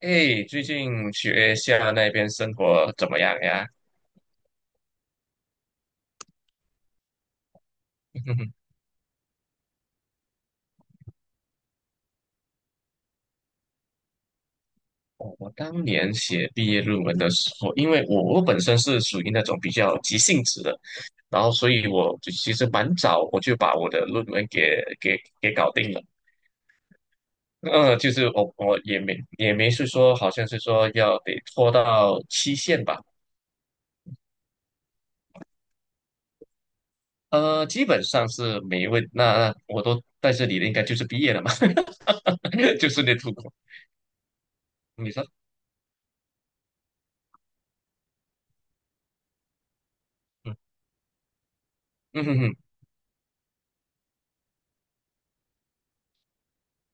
哎，最近学校那边生活怎么样呀？我当年写毕业论文的时候，因为我本身是属于那种比较急性子的，然后所以我就其实蛮早我就把我的论文给搞定了。就是我也没也没是说好像是说要得拖到期限吧，基本上是没问，那我都在这里的应该就是毕业了嘛，就是那出国，你说，嗯嗯哼哼。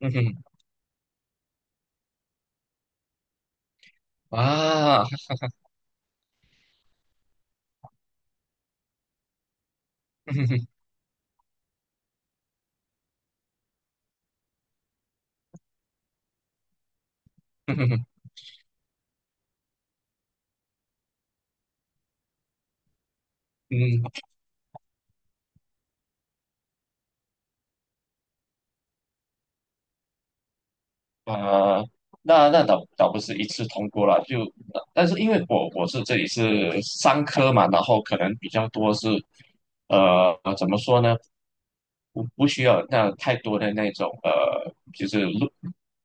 嗯哼哼啊，嗯，呃，那倒不是一次通过了，就但是因为我是这里是商科嘛，然后可能比较多是，怎么说呢？不需要那太多的那种就是录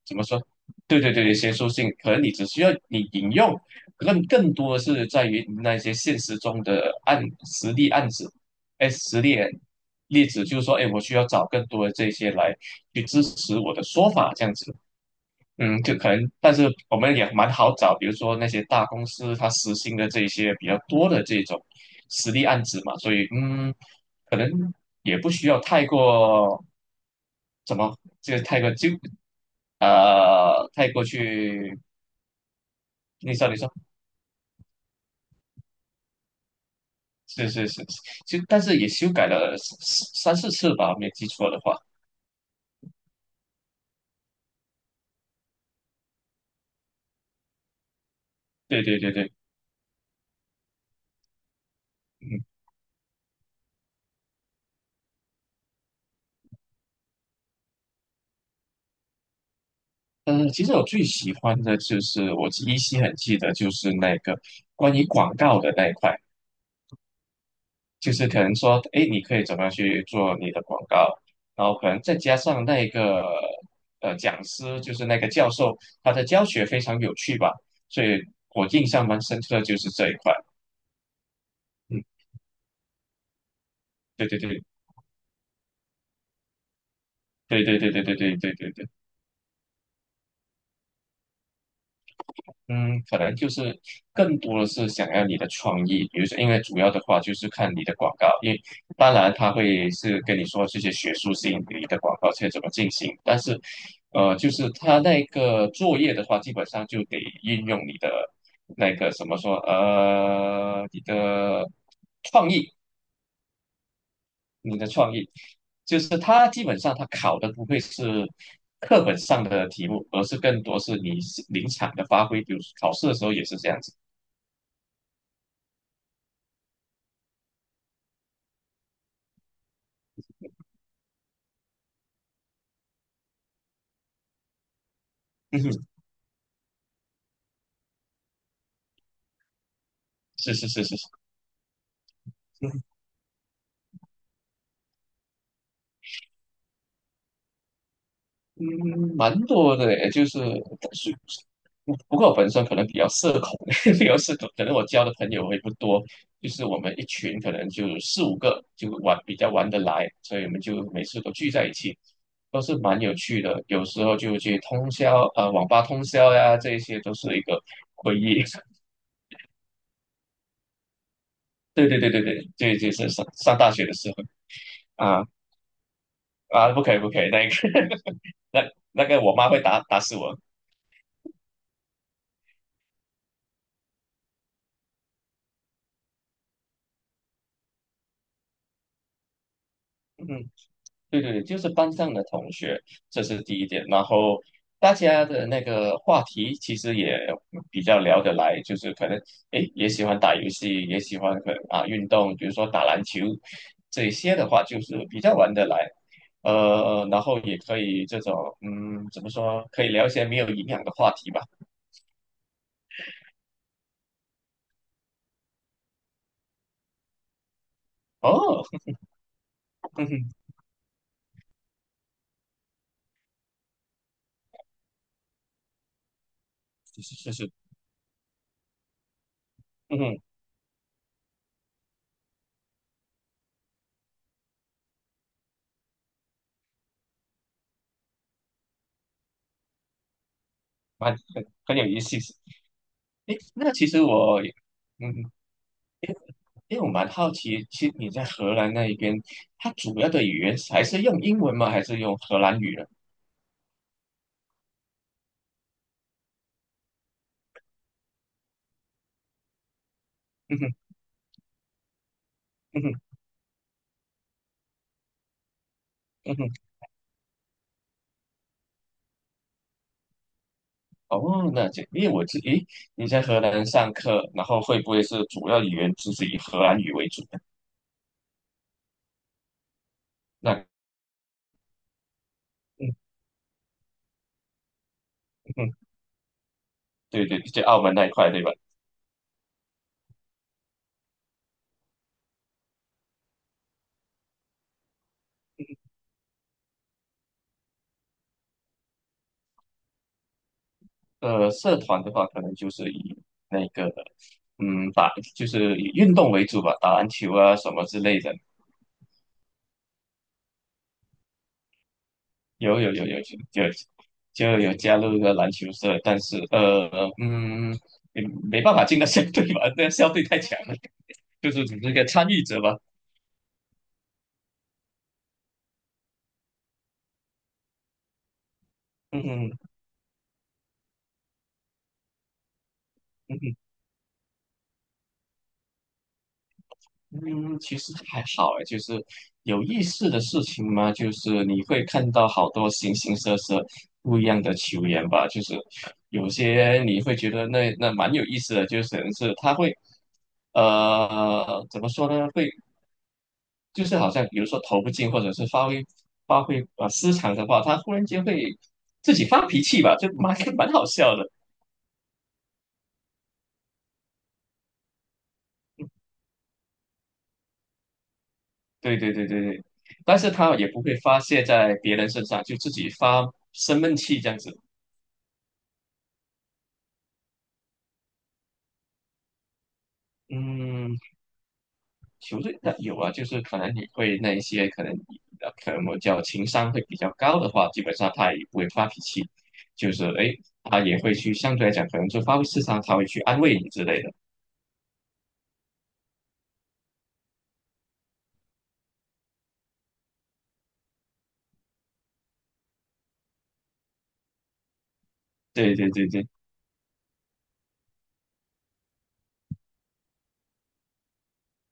怎么说？对对对，学术性，可能你只需要你引用，更多是在于那些现实中的案实例案子，哎，实例例子，就是说，哎，我需要找更多的这些来去支持我的说法，这样子。嗯，就可能，但是我们也蛮好找，比如说那些大公司它实行的这些比较多的这种实例案子嘛，所以嗯，可能也不需要太过怎么，这个太过纠太过去，你说你说，是是是，就但是也修改了三四次吧，没记错的话，对对对对，嗯。嗯，其实我最喜欢的就是，我依稀很记得，就是那个关于广告的那一块。就是可能说，哎，你可以怎么样去做你的广告，然后可能再加上那个讲师，就是那个教授，他的教学非常有趣吧，所以我印象蛮深刻的就是这一块。嗯，对对对对对对对对对对对对对。嗯，可能就是更多的是想要你的创意，比如说，因为主要的话就是看你的广告，因为当然他会是跟你说这些学术性你的广告是怎么进行，但是，就是他那个作业的话，基本上就得运用你的那个什么说，创意，你的创意，就是他基本上他考的不会是课本上的题目，而是更多是你临场的发挥，比如考试的时候也是这样子。嗯哼，是是是是是，嗯，蛮多的诶，就是但是不过我本身可能比较社恐，比较社恐，可能我交的朋友会不多，就是我们一群可能就四五个就玩比较玩得来，所以我们就每次都聚在一起，都是蛮有趣的，有时候就去通宵啊网吧通宵呀，这一些都是一个回忆。对对对对对，这就是上大学的时候啊啊，不可以不可以，那个 那那个我妈会打死我。嗯对对，对，就是班上的同学，这是第一点。然后大家的那个话题其实也比较聊得来，就是可能诶也喜欢打游戏，也喜欢可能啊运动，比如说打篮球这一些的话，就是比较玩得来。然后也可以这种怎么说，可以聊一些没有营养的话题吧。哦，嗯哼，是是是是，嗯哼，蛮很有意思。诶，那其实我。嗯，因为我蛮好奇，其实你在荷兰那一边，它主要的语言还是用英文吗？还是用荷兰语呢？嗯哼，嗯哼，嗯哼。哦，那这，因为我诶，你在荷兰上课，然后会不会是主要语言就是以荷兰语为主呢？那，嗯嗯哼，对对，就澳门那一块，对吧？社团的话，可能就是以那个，就是以运动为主吧，打篮球啊什么之类的。有就有加入一个篮球社，但是嗯，也没办法进到校队吧，那校队太强了，就是只是一个参与者吧。嗯嗯嗯嗯，其实还好诶，就是有意思的事情嘛，就是你会看到好多形形色色不一样的球员吧，就是有些你会觉得那蛮有意思的，就是可能是他会怎么说呢，会就是好像比如说投不进，或者是发挥啊失常的话，他忽然间会自己发脾气吧，就蛮 蛮好笑的。对对对对对，但是他也不会发泄在别人身上，就自己发生闷气这样子。嗯，球队的有啊，就是可能你会那一些可能我叫情商会比较高的话，基本上他也不会发脾气，就是哎，他也会去相对来讲可能就发挥失常，他会去安慰你之类的。对对对对，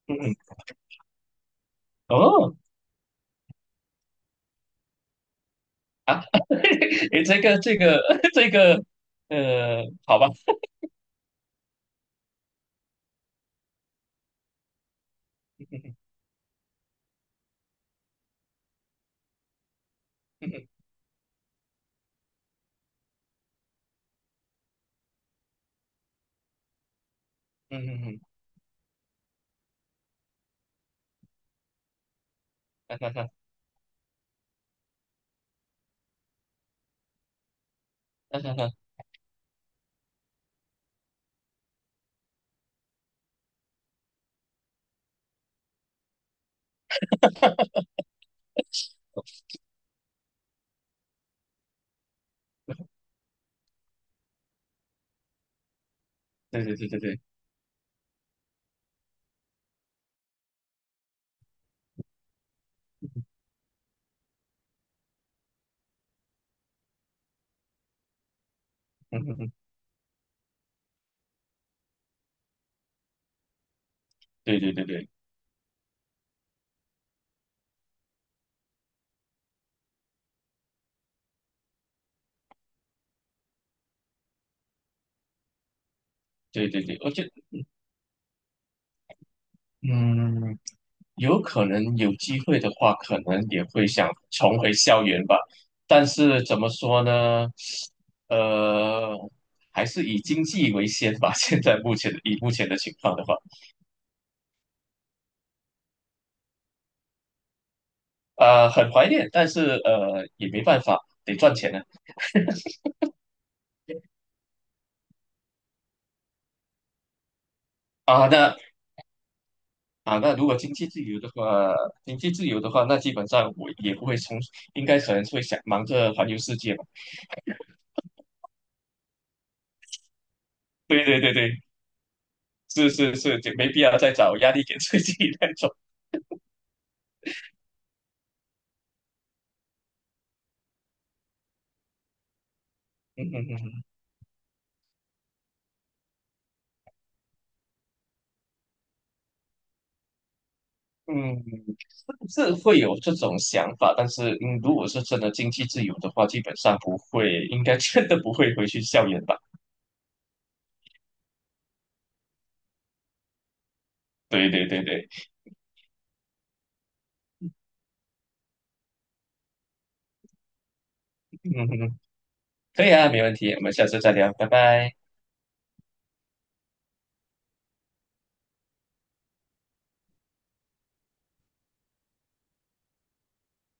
嗯嗯，哦。诶，这个 这个，好吧，嗯嗯嗯，哈哈哈哈哈，对对对对对，嗯嗯嗯，对对对对对对对，我觉得，嗯，有可能有机会的话，可能也会想重回校园吧，但是怎么说呢，呃，还是以经济为先吧，现在目前以目前的情况的话，很怀念，但是也没办法，得赚钱呢。啊，那啊，那如果经济自由的话，那基本上我也不会从，应该可能会想忙着环游世界吧。对对对对，是是是，就没必要再找压力给自己 那种。嗯嗯嗯嗯，嗯是会有这种想法，但是如果是真的经济自由的话，基本上不会，应该真的不会回去校园吧。对对对对，嗯嗯，嗯可以啊，没问题，我们下次再聊，拜拜。